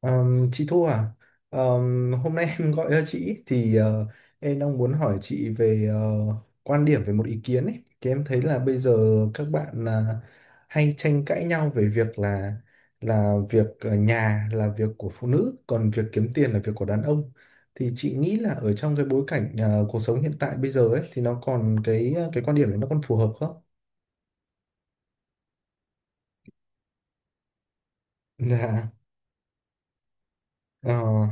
Chị Thu à, hôm nay em gọi cho chị thì em đang muốn hỏi chị về quan điểm về một ý kiến ấy. Thì em thấy là bây giờ các bạn là hay tranh cãi nhau về việc là việc ở nhà là việc của phụ nữ, còn việc kiếm tiền là việc của đàn ông. Thì chị nghĩ là ở trong cái bối cảnh cuộc sống hiện tại bây giờ ấy thì nó còn cái quan điểm đấy nó còn phù hợp không? Dạ, ờ,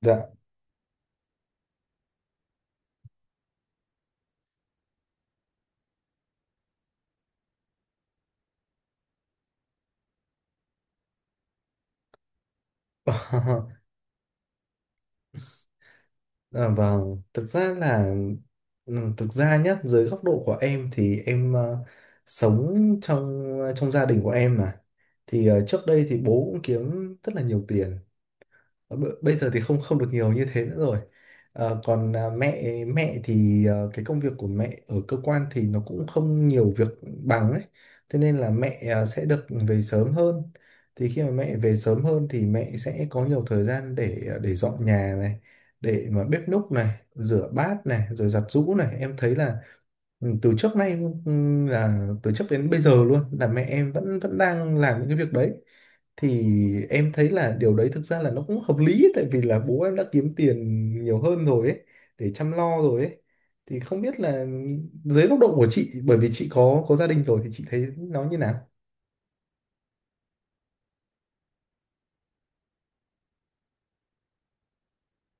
dạ. À, vâng, thực ra nhá, dưới góc độ của em thì em sống trong gia đình của em mà. Thì trước đây thì bố cũng kiếm rất là nhiều tiền. Bây giờ thì không không được nhiều như thế nữa rồi. Còn mẹ mẹ thì cái công việc của mẹ ở cơ quan thì nó cũng không nhiều việc bằng ấy, thế nên là mẹ sẽ được về sớm hơn. Thì khi mà mẹ về sớm hơn thì mẹ sẽ có nhiều thời gian để dọn nhà này, để mà bếp núc này, rửa bát này, rồi giặt giũ này em thấy là Ừ, từ trước nay ừ, từ trước đến bây giờ luôn là mẹ em vẫn vẫn đang làm những cái việc đấy. Thì em thấy là điều đấy thực ra là nó cũng hợp lý ấy, tại vì là bố em đã kiếm tiền nhiều hơn rồi ấy, để chăm lo rồi ấy, thì không biết là dưới góc độ của chị, bởi vì chị có gia đình rồi thì chị thấy nó như nào.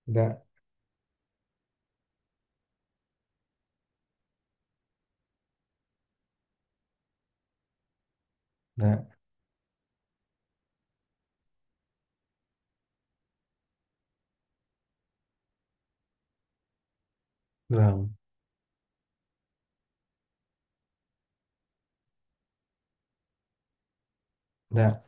Dạ, dạ vâng. Dạ,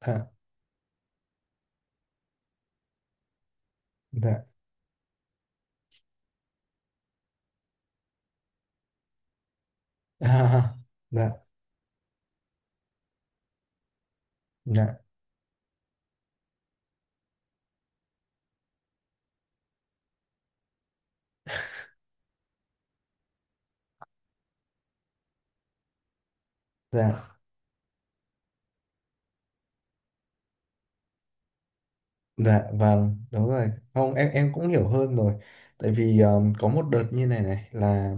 dạ, dạ, à. Dạ, dạ, dạ. Dạ vâng, đúng rồi. Không, em cũng hiểu hơn rồi. Tại vì có một đợt như này này là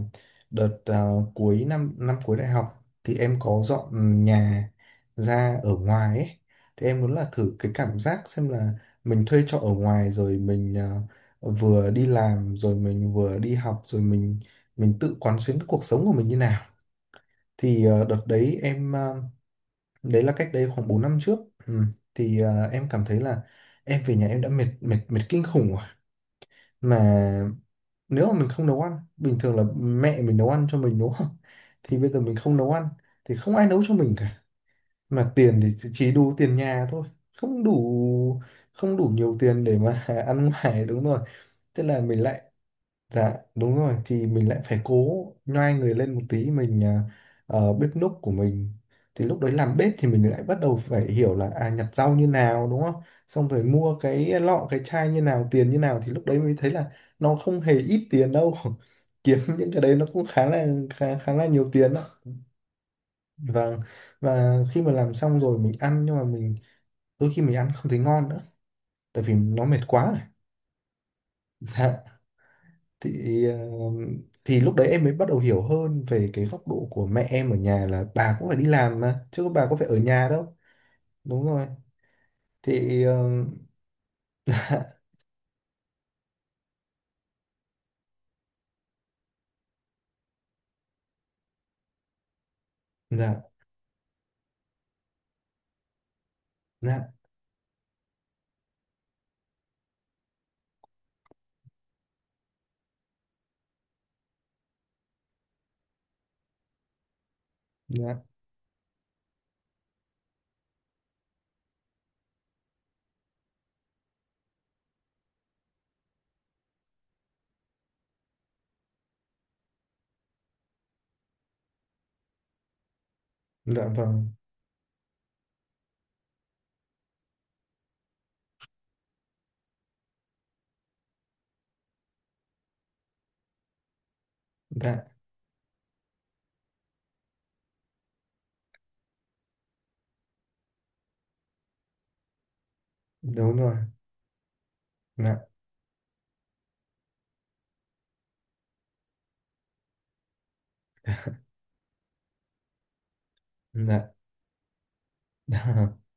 đợt cuối năm, năm cuối đại học thì em có dọn nhà ra ở ngoài ấy. Thì em muốn là thử cái cảm giác xem là mình thuê trọ ở ngoài rồi mình vừa đi làm rồi mình vừa đi học rồi mình tự quán xuyến cái cuộc sống của mình như nào. Thì đợt đấy em, đấy là cách đây khoảng 4 năm trước. Ừ. thì em cảm thấy là em về nhà em đã mệt mệt mệt kinh khủng rồi, mà nếu mà mình không nấu ăn, bình thường là mẹ mình nấu ăn cho mình đúng không, thì bây giờ mình không nấu ăn thì không ai nấu cho mình cả, mà tiền thì chỉ đủ tiền nhà thôi, không đủ không đủ nhiều tiền để mà ăn ngoài, đúng rồi. Thế là mình lại, dạ đúng rồi, thì mình lại phải cố nhoai người lên một tí, mình bếp núc của mình, thì lúc đấy làm bếp thì mình lại bắt đầu phải hiểu là à, nhặt rau như nào đúng không, xong rồi mua cái lọ cái chai như nào, tiền như nào, thì lúc đấy mới thấy là nó không hề ít tiền đâu, kiếm những cái đấy nó cũng khá là nhiều tiền đó. Vâng. Và khi mà làm xong rồi mình ăn, nhưng mà mình đôi khi mình ăn không thấy ngon nữa, tại vì nó mệt quá rồi. thì ờ, thì lúc đấy em mới bắt đầu hiểu hơn về cái góc độ của mẹ em ở nhà, là bà cũng phải đi làm mà, chứ bà có phải ở nhà đâu. Đúng rồi. thì ờ, dạ, dạ, dạ. Dạ vâng. Dạ, đúng rồi. Dạ, dạ. Dạ,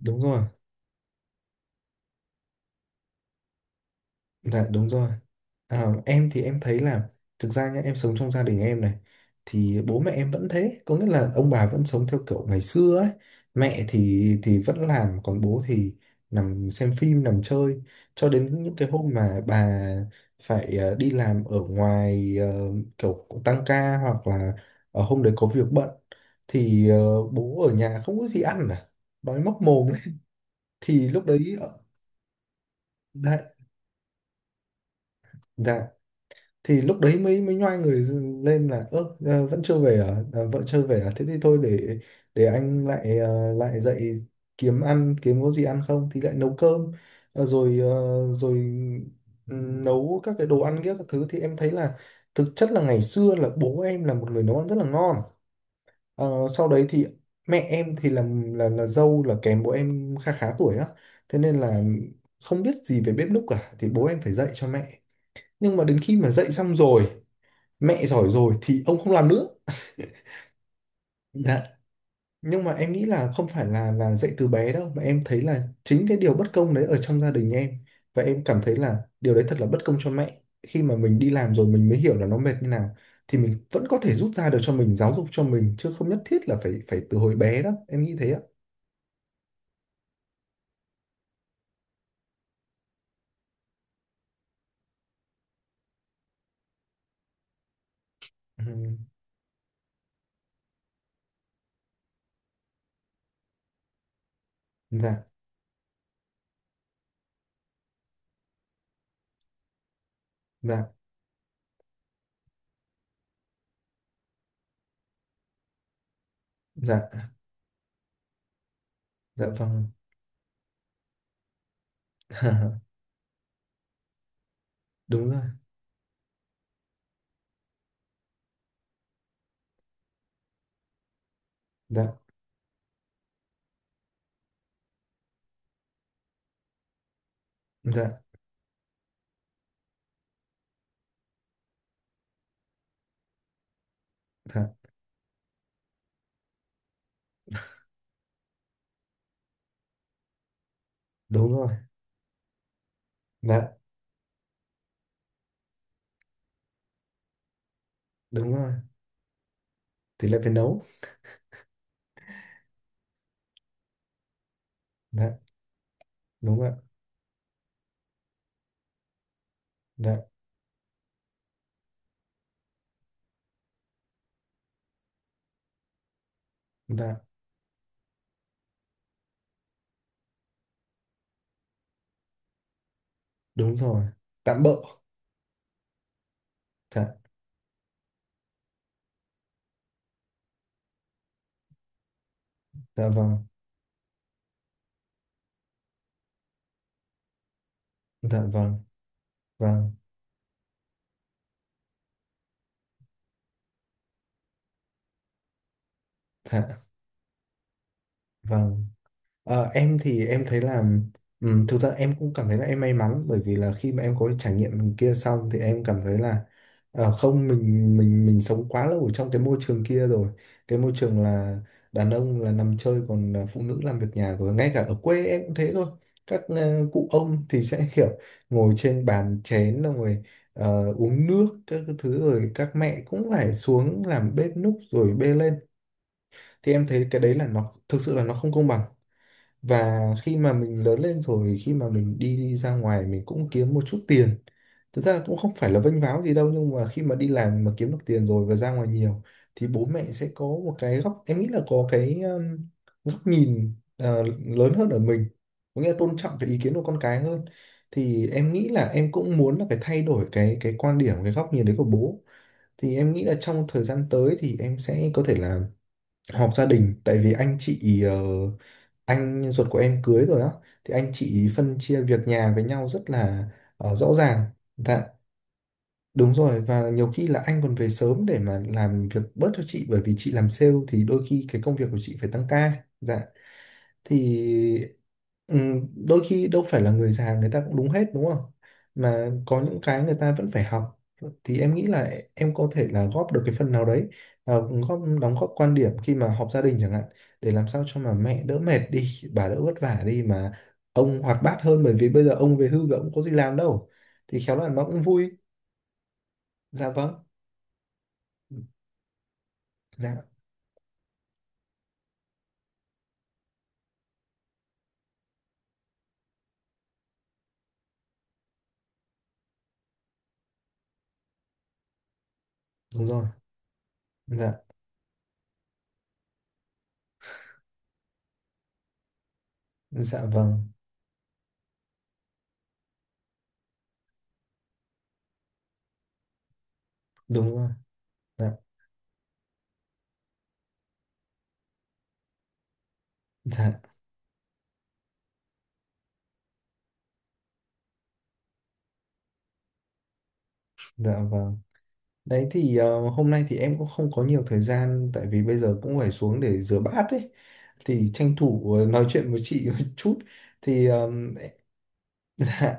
đúng rồi. Dạ, đúng rồi. À, em thì em thấy là thực ra nhá, em sống trong gia đình em này thì bố mẹ em vẫn thế, có nghĩa là ông bà vẫn sống theo kiểu ngày xưa ấy. Mẹ thì vẫn làm, còn bố thì nằm xem phim, nằm chơi cho đến những cái hôm mà bà phải đi làm ở ngoài, kiểu tăng ca hoặc là hôm đấy có việc bận, thì bố ở nhà không có gì ăn à, đói móc mồm đấy, thì lúc đấy dạ, dạ, thì lúc đấy mới mới nhoai người lên là: ơ, vẫn chưa về à? À, vợ chưa về à, thế thì thôi, để anh lại, lại dậy kiếm ăn, kiếm có gì ăn không, thì lại nấu cơm. Rồi, rồi nấu các cái đồ ăn kia, các thứ thì em thấy là thực chất là ngày xưa là bố em là một người nấu ăn rất là ngon. Ờ, Sau đấy thì mẹ em thì là dâu, là kém bố em khá khá tuổi á, thế nên là không biết gì về bếp núc cả, thì bố em phải dạy cho mẹ. Nhưng mà đến khi mà dạy xong rồi, mẹ giỏi rồi thì ông không làm nữa. Đấy. Nhưng mà em nghĩ là không phải là dạy từ bé đâu, mà em thấy là chính cái điều bất công đấy ở trong gia đình em, và em cảm thấy là điều đấy thật là bất công cho mẹ. Khi mà mình đi làm rồi mình mới hiểu là nó mệt như nào, thì mình vẫn có thể rút ra được cho mình, giáo dục cho mình, chứ không nhất thiết là phải phải từ hồi bé đâu, em nghĩ thế ạ. Ừ. Dạ, dạ, dạ. Dạ vâng. Đúng rồi. Dạ, dạ, dạ, đúng rồi. Dạ, đúng rồi, thì lại phải nấu. Dạ, đúng rồi. Dạ, dạ, đúng rồi, tạm bợ. Dạ, dạ vâng. Dạ vâng. Vâng. Dạ vâng. Em thì em thấy là thực ra em cũng cảm thấy là em may mắn, bởi vì là khi mà em có cái trải nghiệm kia xong thì em cảm thấy là không, mình sống quá lâu ở trong cái môi trường kia rồi. Cái môi trường là đàn ông là nằm chơi, còn phụ nữ làm việc nhà, rồi ngay cả ở quê em cũng thế thôi, các cụ ông thì sẽ kiểu ngồi trên bàn chén, xong rồi uống nước các cái thứ, rồi các mẹ cũng phải xuống làm bếp núc rồi bê lên. Thì em thấy cái đấy là nó thực sự là nó không công bằng. Và khi mà mình lớn lên rồi, khi mà mình đi ra ngoài mình cũng kiếm một chút tiền, thực ra cũng không phải là vênh váo gì đâu, nhưng mà khi mà đi làm mà kiếm được tiền rồi và ra ngoài nhiều, thì bố mẹ sẽ có một cái góc, em nghĩ là có cái góc nhìn lớn hơn ở mình, có nghĩa là tôn trọng cái ý kiến của con cái hơn. Thì em nghĩ là em cũng muốn là phải thay đổi cái quan điểm, cái góc nhìn đấy của bố. Thì em nghĩ là trong thời gian tới thì em sẽ có thể là họp gia đình, tại vì anh ruột của em cưới rồi á, thì anh chị phân chia việc nhà với nhau rất là rõ ràng. Dạ. Đúng rồi, và nhiều khi là anh còn về sớm để mà làm việc bớt cho chị, bởi vì chị làm sale thì đôi khi cái công việc của chị phải tăng ca. Dạ. Thì đôi khi đâu phải là người già người ta cũng đúng hết đúng không, mà có những cái người ta vẫn phải học, thì em nghĩ là em có thể là góp được cái phần nào đấy, à, góp đóng góp quan điểm khi mà họp gia đình chẳng hạn, để làm sao cho mà mẹ đỡ mệt đi, bà đỡ vất vả đi, mà ông hoạt bát hơn, bởi vì bây giờ ông về hưu rồi ông có gì làm đâu, thì khéo là nó cũng vui. Dạ vâng. Dạ, đúng rồi. Dạ, dạ vâng, đúng rồi. Dạ, dạ, dạ vâng. Đấy, thì hôm nay thì em cũng không có nhiều thời gian, tại vì bây giờ cũng phải xuống để rửa bát ấy, thì tranh thủ nói chuyện với chị một chút, thì ờ, dạ.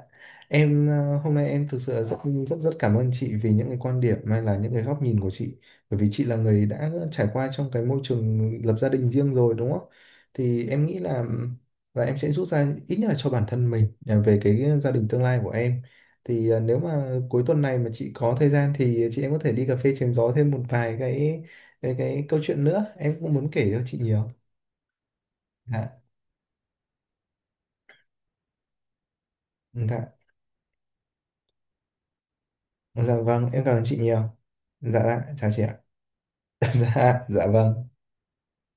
Em hôm nay em thực sự là rất, rất rất cảm ơn chị vì những cái quan điểm hay là những cái góc nhìn của chị, bởi vì chị là người đã trải qua trong cái môi trường lập gia đình riêng rồi đúng không? Thì em nghĩ là em sẽ rút ra ít nhất là cho bản thân mình về cái gia đình tương lai của em. Thì nếu mà cuối tuần này mà chị có thời gian thì chị em có thể đi cà phê chém gió thêm một vài cái câu chuyện nữa, em cũng muốn kể cho chị nhiều. Dạ. Dạ. Dạ vâng, em cảm ơn chị nhiều. Dạ, dạ, chào chị ạ. Dạ, dạ vâng.